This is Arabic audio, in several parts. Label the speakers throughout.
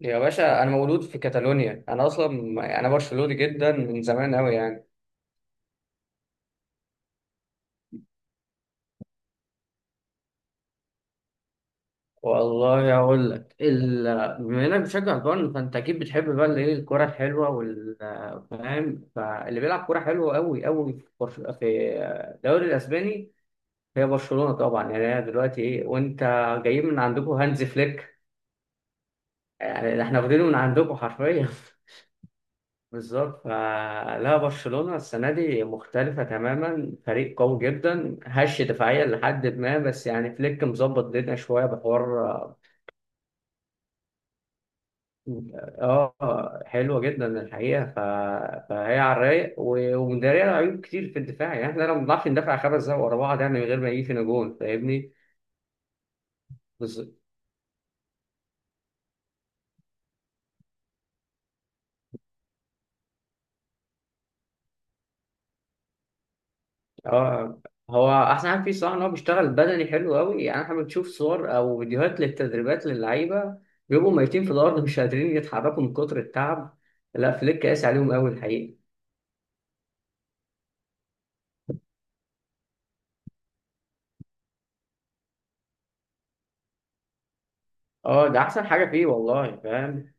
Speaker 1: يا باشا، انا مولود في كاتالونيا، انا اصلا انا برشلوني جدا من زمان قوي يعني. والله اقول لك بما انك بتشجع البايرن فانت اكيد بتحب بقى الايه، الكوره الحلوه، وال فاهم، فاللي بيلعب كوره حلوه قوي قوي في في الدوري الاسباني، هي برشلونه طبعا. يعني هي دلوقتي ايه، وانت جايين من عندكم هانز فليك، يعني احنا واخدينه من عندكم حرفيا بالظبط، فلا برشلونة السنة دي مختلفة تماما، فريق قوي جدا هش دفاعيا لحد ما، بس يعني فليك مظبط الدنيا شوية بحوار. اه، حلوة جدا الحقيقة. فهي على الرايق، ومدارية عيوب كتير في الدفاع. يعني احنا لو ما بنعرفش ندافع 5 دقايق ورا بعض، يعني من غير ما يجي فينا جون، فاهمني. اه، هو احسن حاجه فيه الصراحه ان هو بيشتغل بدني حلو قوي. يعني احنا بنشوف صور او فيديوهات للتدريبات للعيبه، بيبقوا ميتين في الارض مش قادرين يتحركوا من كتر التعب. لا، فليك قاسي عليهم قوي الحقيقه. اه، ده احسن حاجه فيه والله، فاهم.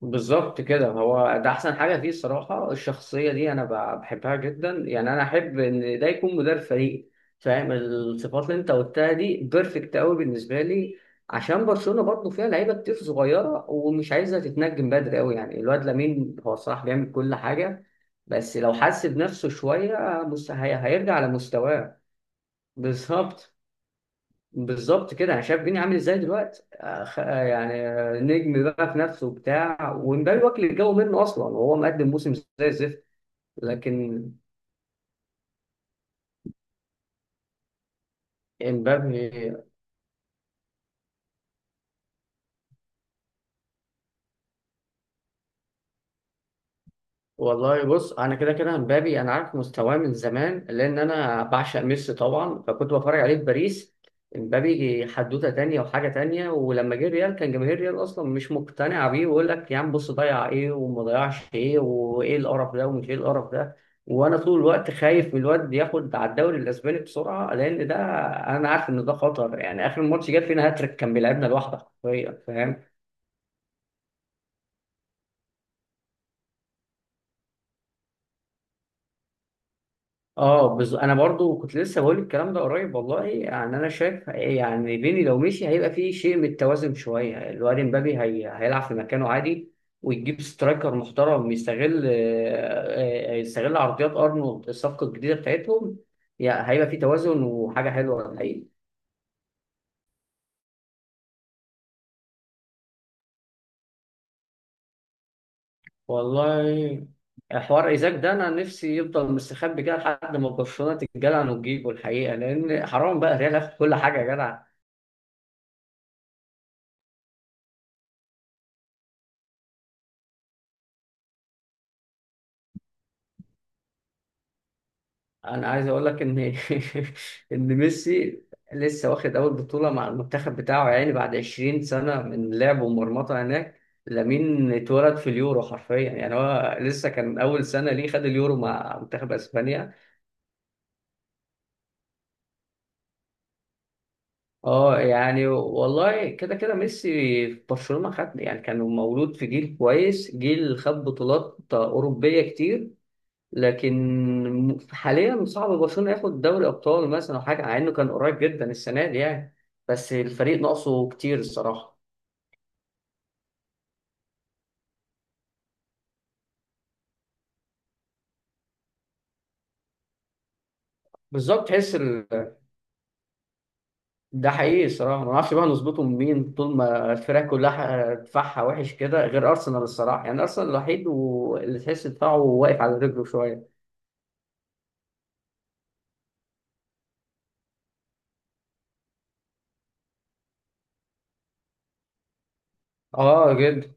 Speaker 1: بالظبط كده، هو ده احسن حاجه فيه الصراحه. الشخصيه دي انا بحبها جدا. يعني انا احب ان ده يكون مدير فريق، فاهم. الصفات اللي انت قلتها دي بيرفكت قوي بالنسبه لي. عشان برشلونه برضه فيها لعيبه كتير صغيره ومش عايزه تتنجم بدري قوي. يعني الواد لامين هو الصراحه بيعمل كل حاجه، بس لو حس بنفسه شويه هيرجع لمستواه. بالظبط. بالظبط كده، انا شايف فيني عامل ازاي دلوقتي، أخ... يعني آه، نجم بقى في نفسه وبتاع، ومبابي واكل الجو منه اصلا وهو مقدم موسم زي الزفت. لكن امبابي. والله بص، انا كده كده امبابي انا عارف مستواه من زمان لان انا بعشق ميسي طبعا، فكنت بتفرج عليه في باريس. امبابي حدوته تانية وحاجه تانية، ولما جه ريال كان جماهير ريال اصلا مش مقتنعه بيه، ويقول لك يا عم بص ضيع ايه وما ضيعش ايه وايه القرف ده ومش ايه القرف ده. وانا طول الوقت خايف من الواد ياخد على الدوري الاسباني بسرعه لان ده، انا عارف ان ده خطر. يعني اخر ماتش جاب فينا هاتريك، كان بيلعبنا لوحده حرفيا، فاهم. اه انا برضو كنت لسه بقول الكلام ده قريب والله. يعني انا شايف يعني بيني لو مشي هيبقى فيه شيء من التوازن شويه، الواد امبابي هيلعب في مكانه عادي، ويجيب سترايكر محترم يستغل يستغل عرضيات ارنولد الصفقه الجديده بتاعتهم. يعني هيبقى فيه توازن وحاجه حلوه الحقيقه. والله حوار ايزاك ده انا نفسي يفضل مستخبي كده لحد ما برشلونه تتجلع وتجيبه الحقيقه، لان حرام بقى ريال ياخد كل حاجه يا جدع. انا عايز اقول لك ان ان ميسي لسه واخد اول بطوله مع المنتخب بتاعه يعني بعد 20 سنه من لعب ومرمطه هناك. لامين اتولد في اليورو حرفيا، يعني هو لسه كان اول سنه ليه خد اليورو مع منتخب اسبانيا. اه يعني والله كده كده ميسي في برشلونه خد، يعني كان مولود في جيل كويس، جيل خد بطولات اوروبيه كتير. لكن حاليا صعب برشلونة ياخد دوري ابطال مثلا او حاجه، مع انه كان قريب جدا السنه دي يعني، بس الفريق ناقصه كتير الصراحه. بالظبط. تحس ده حقيقي الصراحه. ما نعرفش بقى نظبطه من مين طول ما الفرق كلها دفاعها وحش كده، غير ارسنال الصراحه. يعني ارسنال الوحيد واللي تحس دفاعه واقف على رجله شويه. اه جدا.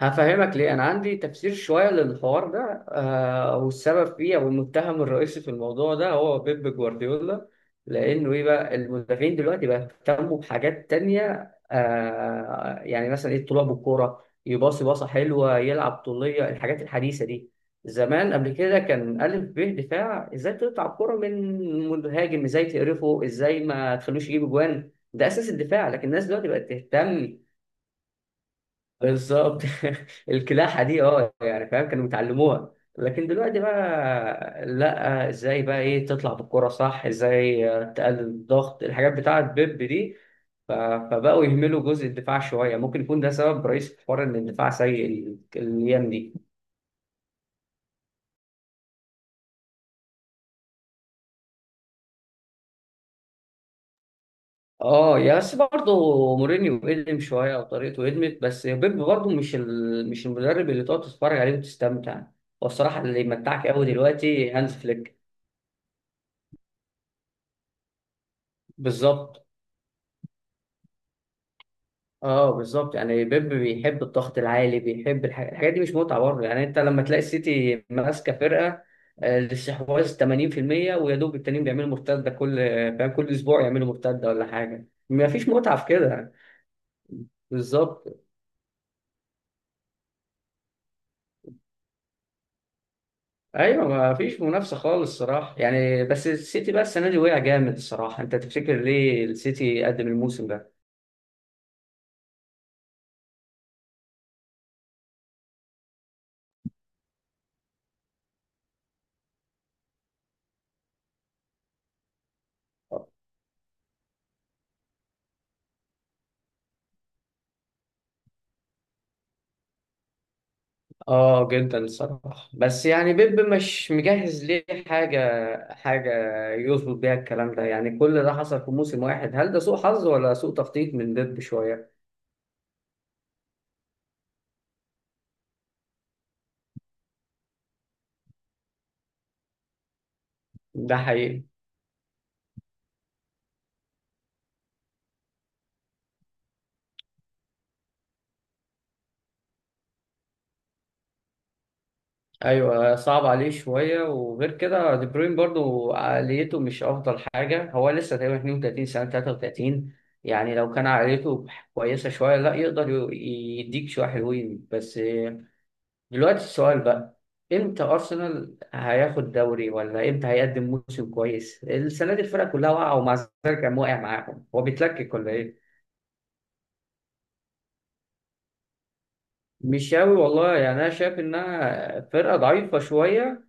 Speaker 1: هفهمك ليه، أنا عندي تفسير شوية للحوار ده. آه، والسبب فيه أو المتهم الرئيسي في الموضوع ده هو بيب جوارديولا. لأنه إيه بقى، المدافعين دلوقتي بقى اهتموا بحاجات تانية. آه يعني مثلا إيه، الطلوع بالكورة، يباصي باصة حلوة، يلعب طولية، الحاجات الحديثة دي. زمان قبل كده كان ألف ب دفاع، إزاي تقطع الكورة من مهاجم، إزاي تقرفه، إزاي ما تخلوش يجيب جوان، ده أساس الدفاع. لكن الناس دلوقتي بقت تهتم بالظبط. الكلاحة دي، اه يعني فاهم، كانوا بيتعلموها. لكن دلوقتي بقى لا، ازاي بقى ايه تطلع بالكرة صح، ازاي تقلل الضغط، الحاجات بتاعة بيب دي. فبقوا يهملوا جزء الدفاع شوية. ممكن يكون ده سبب رئيسي في حوار ان الدفاع سيء الايام دي. اه يا، بس برضه مورينيو قدم شوية او طريقته قدمت، بس بيب برضه مش المدرب اللي تقعد تتفرج عليه وتستمتع. والصراحة اللي يمتعك قوي دلوقتي هانز فليك. بالظبط. اه بالظبط، يعني بيب بيحب الضغط العالي، بيحب الحاجات دي. مش متعه برضه يعني. انت لما تلاقي السيتي ماسكه فرقه الاستحواذ 80%، ويا دوب التانيين بيعملوا مرتده كل، فاهم، كل اسبوع يعملوا مرتده ولا حاجه، ما فيش متعه في كده. بالظبط. ايوه ما فيش منافسه خالص الصراحه يعني. بس السيتي بقى السنه دي وقع جامد الصراحه. انت تفتكر ليه السيتي قدم الموسم ده؟ اه جدا الصراحة، بس يعني بيب مش مجهز ليه حاجة، حاجة يظبط بيها الكلام ده. يعني كل ده حصل في موسم واحد، هل ده سوء حظ ولا سوء تخطيط من بيب شوية؟ ده حقيقي. ايوه صعب عليه شوية، وغير كده دي بروين برضو عقليته مش افضل حاجة، هو لسه تقريبا 32 سنة 33. يعني لو كان عقليته كويسة شوية لا يقدر يديك شوية حلوين. بس دلوقتي السؤال بقى، امتى ارسنال هياخد دوري، ولا امتى هيقدم موسم كويس؟ السنه دي الفرقه كلها واقعه ومع ذلك كان واقع معاهم، هو بيتلكك ولا ايه؟ مش قوي والله يعني، انا شايف انها فرقه ضعيفه شويه.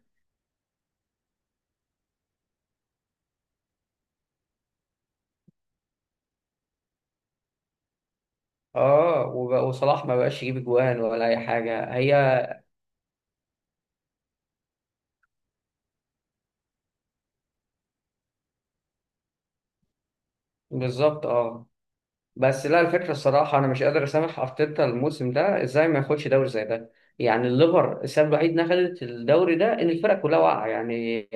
Speaker 1: اه وصلاح ما بقاش يجيب جوان ولا اي حاجه هي. بالظبط اه. بس لا الفكرة الصراحة أنا مش قادر أسامح أرتيتا الموسم ده، إزاي ما ياخدش دوري زي ده. يعني الليفر السبب الوحيد إنها خدت الدوري ده إن الفرق كلها واقعة. يعني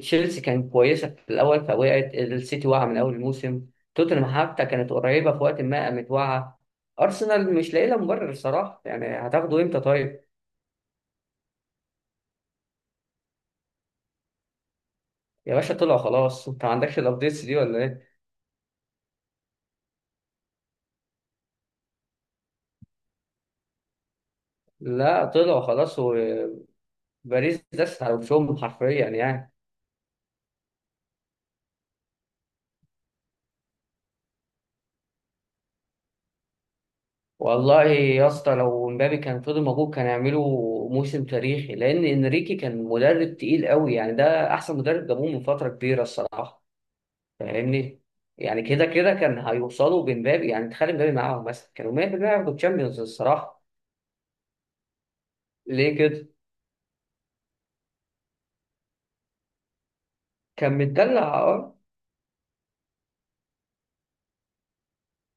Speaker 1: تشيلسي كانت كويسة في الأول فوقعت، السيتي واقعة من أول الموسم، توتنهام حتى كانت قريبة في وقت ما قامت واقعة. أرسنال مش لاقي لها مبرر الصراحة، يعني هتاخده إمتى طيب؟ يا باشا طلعوا خلاص، أنت ما عندكش الأبديتس دي ولا إيه؟ لا طلعوا خلاص، وباريس دست على وشهم حرفيا يعني. والله يا اسطى، لو مبابي كان فضل موجود كان هيعملوا موسم تاريخي، لان انريكي كان مدرب تقيل قوي يعني، ده احسن مدرب جابوه من فتره كبيره الصراحه. فاهمني. يعني كده كده كان هيوصلوا بمبابي، يعني تخلي مبابي معاهم مثلا كانوا 100% هياخدوا الشامبيونز الصراحه. ليه كده؟ كان متدلع اه.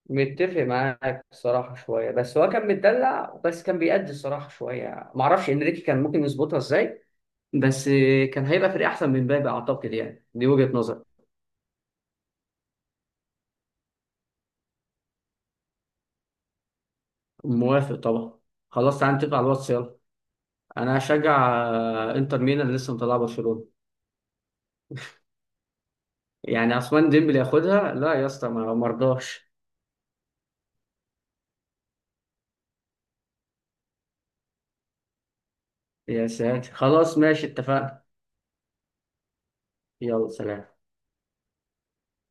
Speaker 1: متفق معاك الصراحه شويه، بس هو كان متدلع بس كان بيأدي الصراحه شويه، معرفش انريكي كان ممكن يظبطها ازاي. بس كان هيبقى فريق احسن من مبابي اعتقد، يعني دي وجهه نظري. موافق طبعا. خلاص تعالى نتفق على الواتس يلا. انا هشجع انتر ميلان اللي لسه مطلعه برشلونه. يعني عثمان ديمبلي ياخدها، لا يا اسطى ما مرضاش. يا ساتر خلاص، ماشي اتفقنا. يلا سلام.